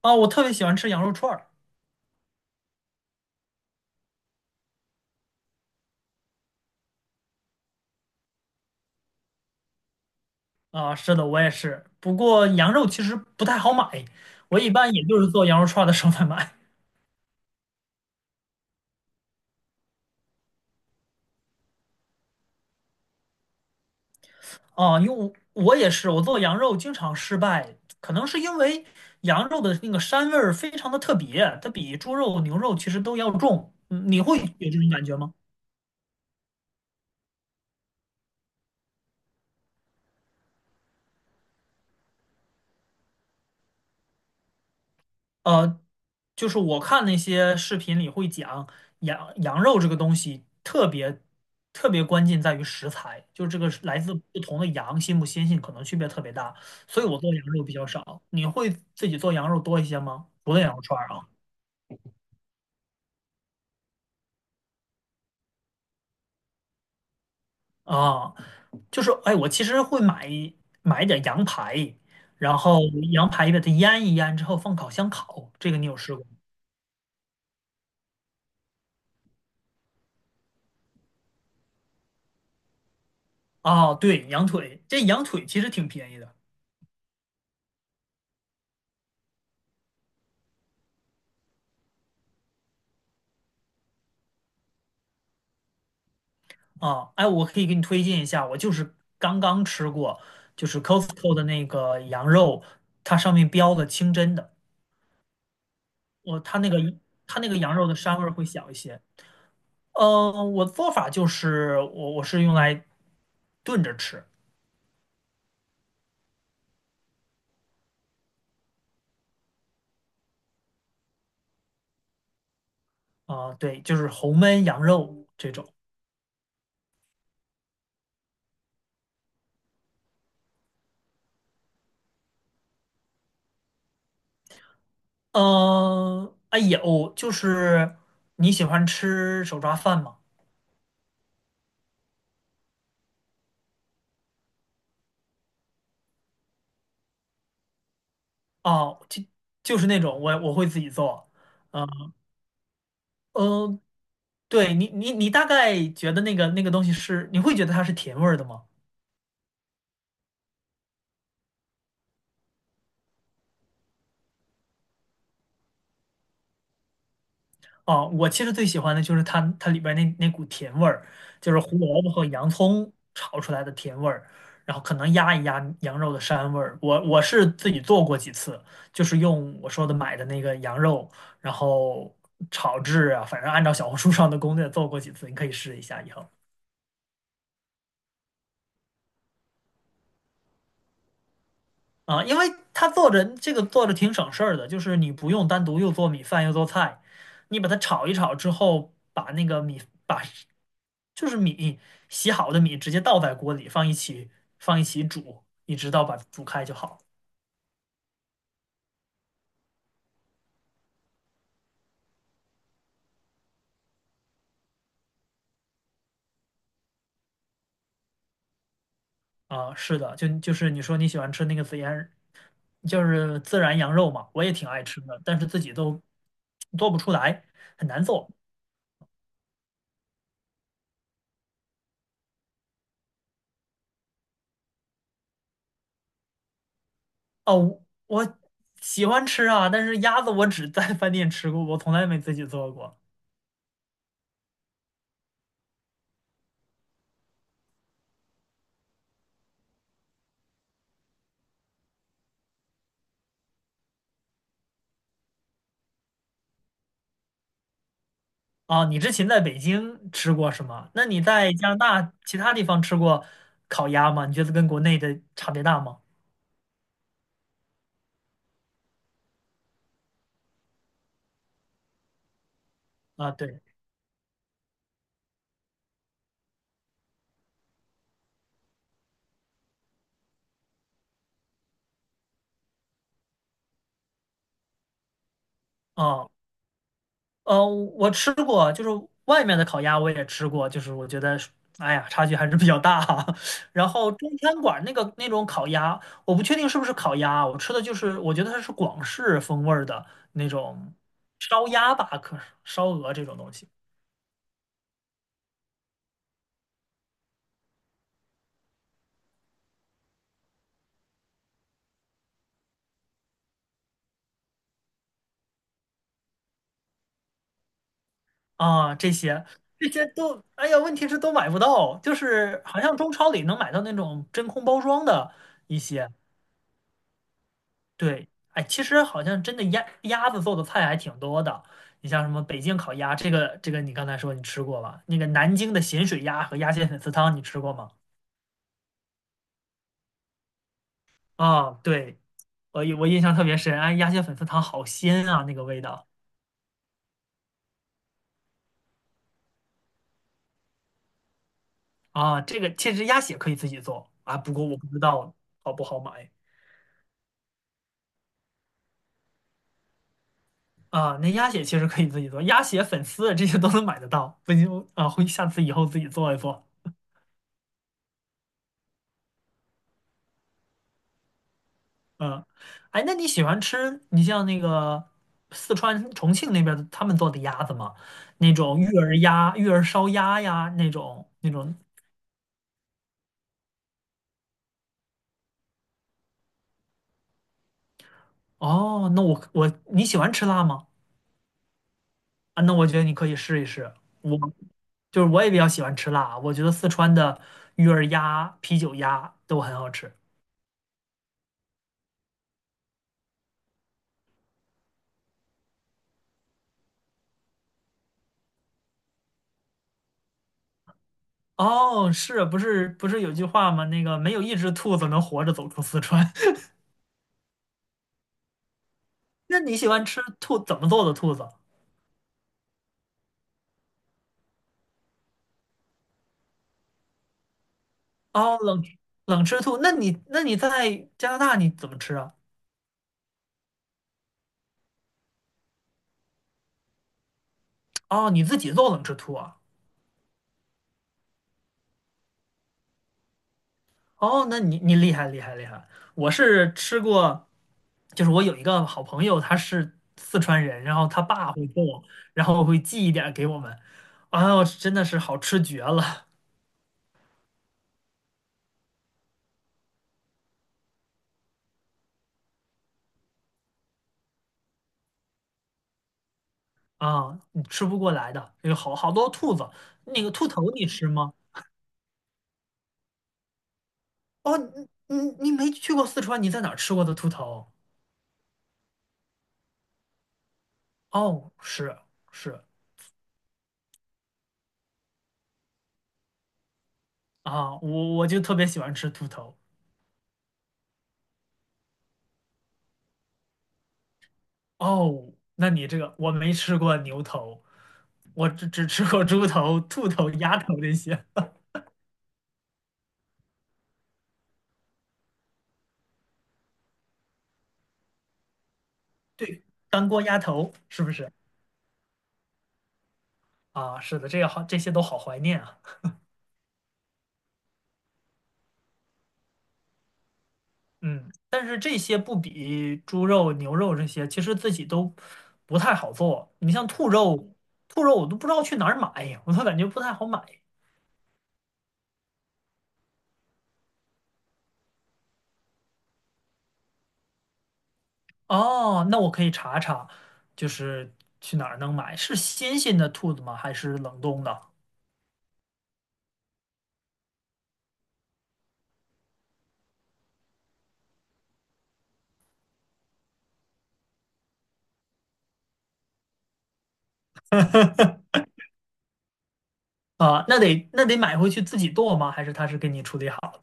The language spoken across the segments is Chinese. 啊，我特别喜欢吃羊肉串儿。啊，是的，我也是。不过羊肉其实不太好买，我一般也就是做羊肉串儿的时候才买。啊，因为我也是，我做羊肉经常失败，可能是因为羊肉的那个膻味儿非常的特别，它比猪肉、牛肉其实都要重。嗯，你会有这种感觉吗？呃，就是我看那些视频里会讲羊肉这个东西特别特别关键在于食材，就是这个是来自不同的羊新不新鲜可能区别特别大，所以我做羊肉比较少。你会自己做羊肉多一些吗？除了羊肉串儿啊。啊，就是哎，我其实会买一点羊排，然后羊排把它腌一腌之后放烤箱烤，这个你有试过吗？哦，对，羊腿，这羊腿其实挺便宜的。啊，哎，我可以给你推荐一下，我就是刚刚吃过，就是 Costco 的那个羊肉，它上面标的清真的，我它那个它那个羊肉的膻味儿会小一些。嗯，我的做法就是我是用来炖着吃。啊，对，就是红焖羊肉这种。嗯，哎有，哦就是你喜欢吃手抓饭吗？哦，就是那种我会自己做。嗯嗯，对你，你大概觉得那个东西是，你会觉得它是甜味儿的吗？哦，我其实最喜欢的就是它里边那股甜味儿，就是胡萝卜和洋葱炒出来的甜味儿，然后可能压一压羊肉的膻味儿。我是自己做过几次，就是用我说的买的那个羊肉，然后炒制啊，反正按照小红书上的攻略做过几次，你可以试一下以后。啊，因为他做着这个做着挺省事儿的，就是你不用单独又做米饭又做菜，你把它炒一炒之后，把那个米把就是米洗好的米直接倒在锅里放一起煮，一直到把它煮开就好。啊，是的，就是你说你喜欢吃那个孜然，就是孜然羊肉嘛，我也挺爱吃的，但是自己都做不出来，很难做。哦，我喜欢吃啊，但是鸭子我只在饭店吃过，我从来没自己做过。哦，你之前在北京吃过是吗？那你在加拿大其他地方吃过烤鸭吗？你觉得跟国内的差别大吗？啊，对，哦，我吃过，就是外面的烤鸭我也吃过，就是我觉得，哎呀，差距还是比较大哈。然后中餐馆那个那种烤鸭，我不确定是不是烤鸭啊，我吃的就是我觉得它是广式风味儿的那种烧鸭吧，可是烧鹅这种东西。啊，这些都，哎呀，问题是都买不到，就是好像中超里能买到那种真空包装的一些，对，哎，其实好像真的鸭子做的菜还挺多的，你像什么北京烤鸭，这个你刚才说你吃过吧？那个南京的咸水鸭和鸭血粉丝汤你吃过吗？啊，对，我印象特别深，哎，鸭血粉丝汤好鲜啊，那个味道。啊，这个其实鸭血可以自己做啊，不过我不知道好不好买。啊，那鸭血其实可以自己做，鸭血、粉丝这些都能买得到。不行啊，回下次以后自己做一做。嗯，哎，那你喜欢吃你像那个四川重庆那边的他们做的鸭子吗？那种育儿鸭、育儿烧鸭呀，那种。哦，那我你喜欢吃辣吗？啊，那我觉得你可以试一试。我就是我也比较喜欢吃辣，我觉得四川的育儿鸭、啤酒鸭都很好吃。哦，是不是不是有句话吗？那个没有一只兔子能活着走出四川。那你喜欢吃兔怎么做的兔子？哦，冷吃兔。那你在加拿大你怎么吃啊？哦，你自己做冷吃兔啊？哦，那你厉害厉害厉害。我是吃过，就是我有一个好朋友，他是四川人，然后他爸会做，然后会寄一点儿给我们。哎呦，真的是好吃绝了。啊！你吃不过来的，有好多兔子。那个兔头你吃吗？哦，你没去过四川，你在哪儿吃过的兔头？哦，是是啊，我就特别喜欢吃兔头。哦，那你这个我没吃过牛头，我只吃过猪头、兔头、鸭头这些。对，干锅鸭头是不是？啊，是的，这个好，这些都好怀念啊。嗯，但是这些不比猪肉、牛肉这些，其实自己都不太好做。你像兔肉我都不知道去哪儿买，我都感觉不太好买。哦，那我可以查查，就是去哪儿能买？是新鲜的兔子吗？还是冷冻的？啊，那得买回去自己剁吗？还是他是给你处理好了？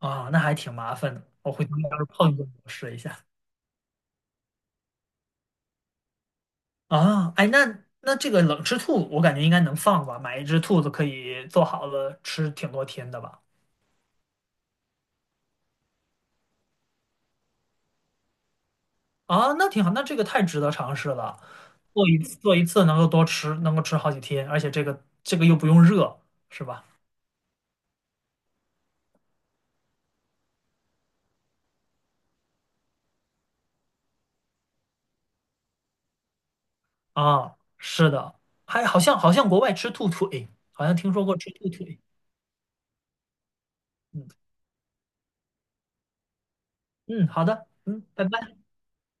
啊，那还挺麻烦的。我回头要是碰见我试一下。啊，哎，那这个冷吃兔，我感觉应该能放吧？买一只兔子可以做好了吃挺多天的吧？啊，那挺好，那这个太值得尝试了。做一次能够多吃，能够吃好几天，而且这个又不用热，是吧？啊，是的，还好像国外吃兔腿，好像听说过吃兔腿。嗯嗯，好的，嗯，拜拜。